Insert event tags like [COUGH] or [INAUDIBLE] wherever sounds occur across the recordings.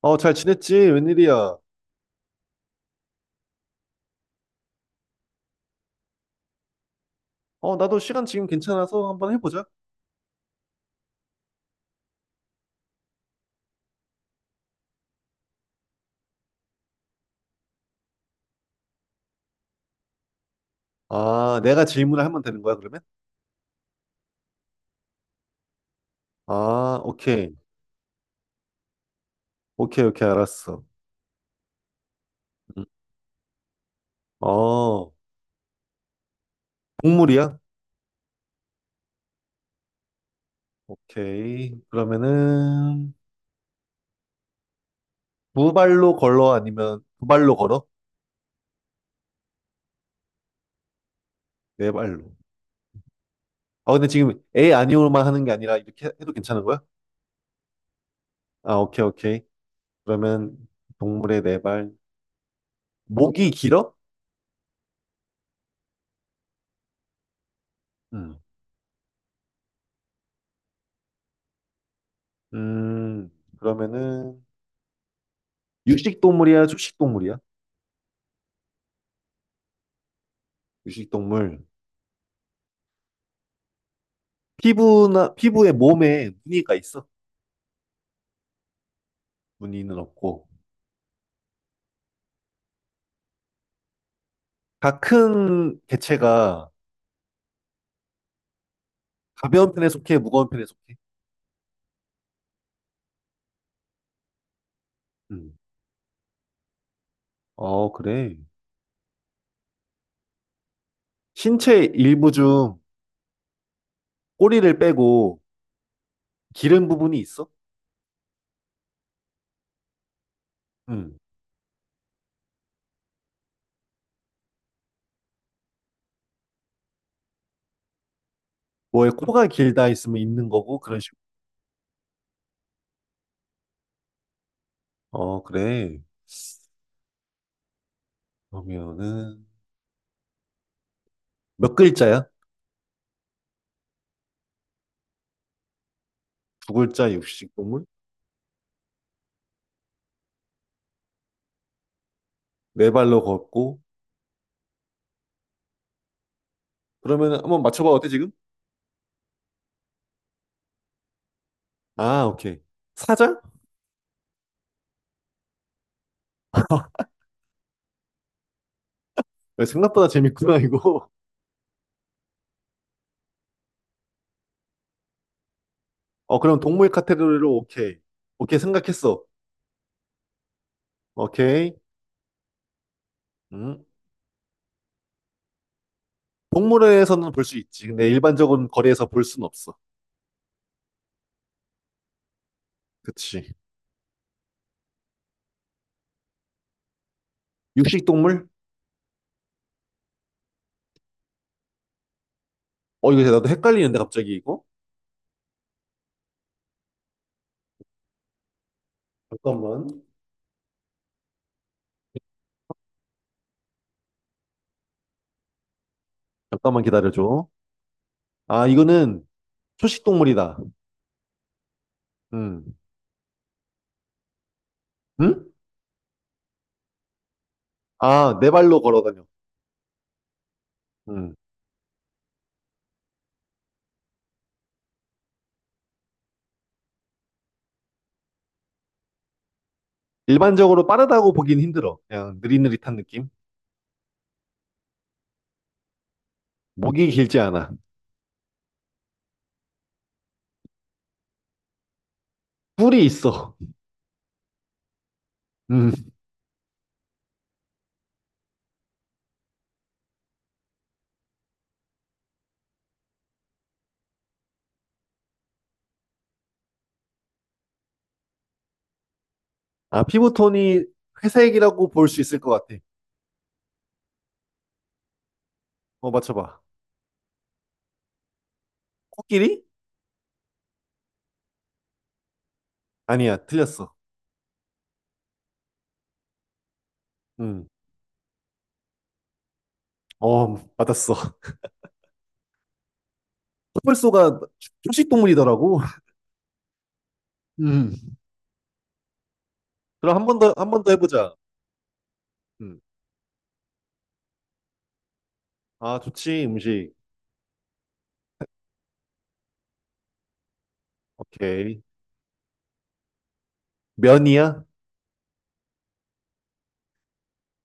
어, 잘 지냈지? 웬일이야? 어, 나도 시간 지금 괜찮아서 한번 해보자. 아, 내가 질문을 하면 되는 거야, 그러면? 아, 오케이. 오케이, 오케이, 알았어. 음. 어, 동물이야? 오케이. 그러면은, 두 발로 걸어? 아니면 두 발로 걸어? 네 발로. 아, 근데 지금 에 아니오만 하는 게 아니라 이렇게 해도 괜찮은 거야? 아, 오케이, 오케이. 그러면 동물의 네 발. 목이 길어? 음. 음, 그러면은, 육식 동물이야? 초식 동물이야? 육식 동물. 피부나, 피부에 몸에 무늬가 있어. 무늬는 없고. 다 큰 개체가 가벼운 편에 속해, 무거운 편에 속해? 음. 어, 그래. 신체 일부 중 꼬리를 빼고 기른 부분이 있어? 음. 뭐에 코가 길다 있으면 있는 거고, 그런 식으로. 어, 그래. 그러면은, 몇 글자야? 두 글자 육식 동물? 네 발로 걷고. 그러면은 한번 맞춰봐. 어때, 지금? 아, 오케이. 사자? 야, 생각보다 재밌구나, 이거. 어, 그럼 동물 카테고리로 오케이. 오케이, 생각했어. 오케이. 음. 동물원에서는 볼 수 있지. 근데 일반적인 거리에서 볼 순 없어. 그치. 육식 동물? 어, 이거 나도 헷갈리는데, 갑자기 이거? 잠깐만. 잠깐만 기다려줘. 아, 이거는 초식 동물이다. 음. 응? 아, 네 발로 걸어다녀. 음. 일반적으로 빠르다고 보긴 힘들어. 그냥 느릿느릿한 느낌? 목이 길지 않아. 뿔이 있어. 음. 아, 피부톤이 회색이라고 볼 수 있을 것 같아. 어, 맞춰봐. 코끼리? 아니야, 틀렸어. 음, 어, 맞았어. [LAUGHS] 코뿔소가 초식동물이더라고. 음. 그럼 한 번 더, 한 번 더 해보자. 음. 아, 좋지, 음식. 오케이. 면이야?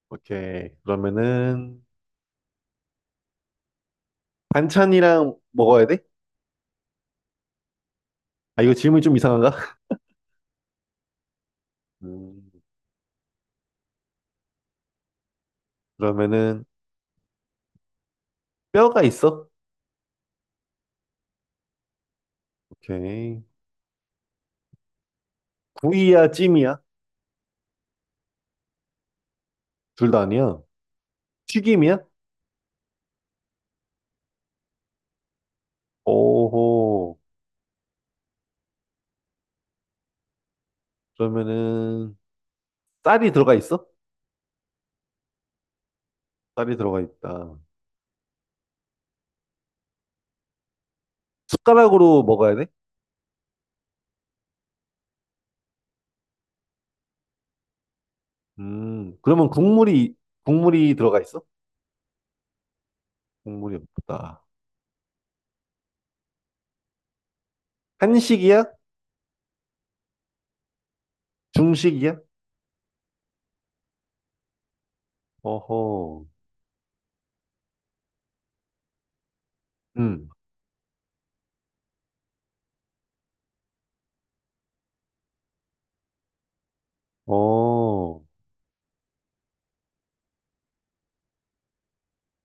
오케이. 그러면은, 반찬이랑 먹어야 돼? 아, 이거 질문이 좀 이상한가? [LAUGHS] 음, 그러면은, 뼈가 있어? 오케이. 구이야, 찜이야? 둘 다 아니야. 튀김이야? 오호. 그러면은, 쌀이 들어가 있어? 쌀이 들어가 있다. 숟가락으로 먹어야 돼? 그러면 국물이, 국물이 들어가 있어? 국물이 없다. 한식이야? 중식이야? 어허, 음, 어,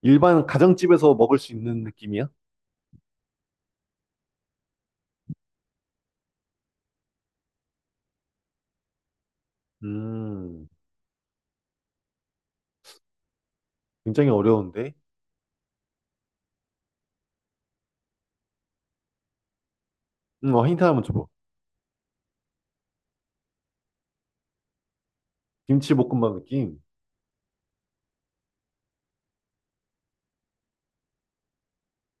일반 가정집에서 먹을 수 있는 느낌이야? 음, 굉장히 어려운데? 힌트 한번 줘봐. 김치볶음밥 느낌?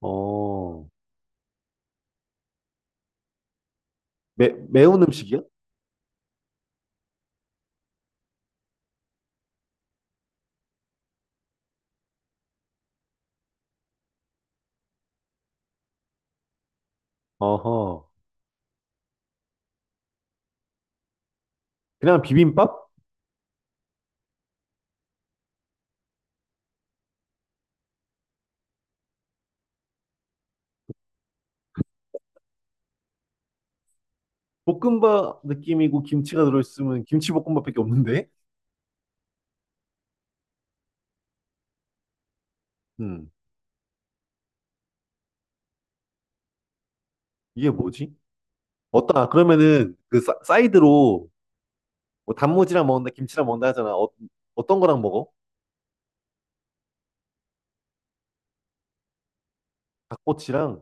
어, 매, 매운 음식이야? 어허, 그냥 비빔밥? 볶음밥 느낌이고 김치가 들어있으면 김치볶음밥밖에 없는데? 음, 이게 뭐지? 어따, 그러면은 그 사, 사이드로 뭐 단무지랑 먹는다, 김치랑 먹는다 하잖아. 어떤 거랑 먹어? 닭꼬치랑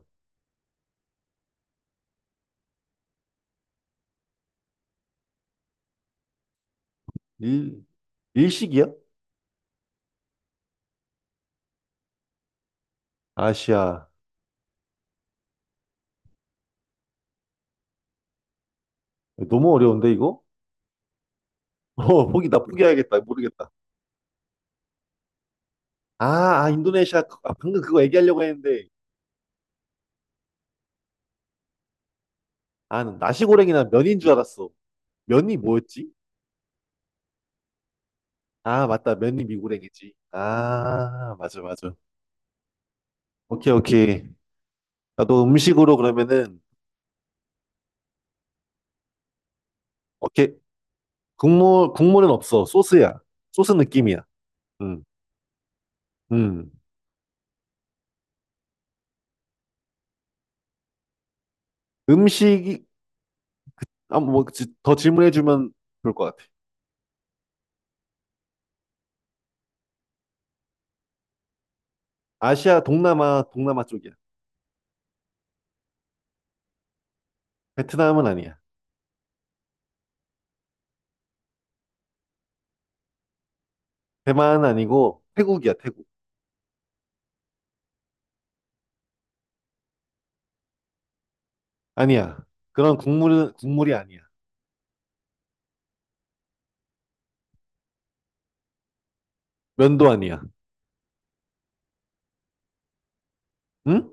일, 일식이야? 아시아. 너무 어려운데, 이거? [LAUGHS] 포기, 나 포기해야겠다. 모르겠다. 아, 아, 인도네시아. 아, 방금 그거 얘기하려고 했는데. 아, 난 나시고랭이나 면인 줄 알았어. 면이 뭐였지? 아, 맞다. 면이 미고랭이지. 아, 맞아, 맞아. 오케이, 오케이. 나도 음식으로 그러면은, 오케이. 국물, 국물은 없어. 소스야. 소스 느낌이야. 음, 음. 음식이, 더 질문해주면 좋을 것 같아. 아시아, 동남아, 동남아 쪽이야. 베트남은 아니야. 대만은 아니고, 태국이야, 태국. 아니야. 그런 국물은, 국물이 아니야. 면도 아니야. 응?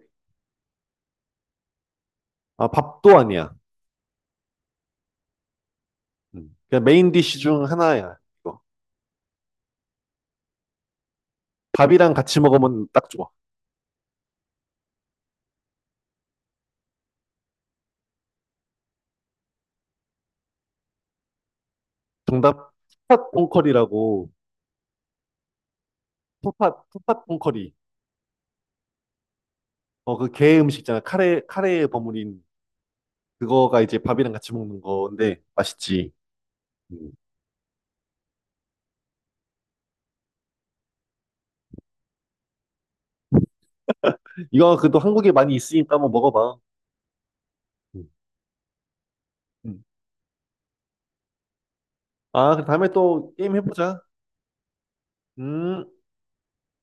아, 밥도 아니야. 음. 그냥 메인 디쉬 중 하나야, 이거. 밥이랑 같이 먹으면 딱 좋아. 정답, 푸팟 퐁커리라고, 푸팟, 푸팟 퐁커리. 어, 그 게 음식 있잖아. 카레, 카레에 버무린 그거가 이제 밥이랑 같이 먹는 건데, 맛있지. 음. 이거 그래도 한국에 많이 있으니까 한번 먹어봐. 음. 음. 아, 그 다음에 또 게임 해보자. 음.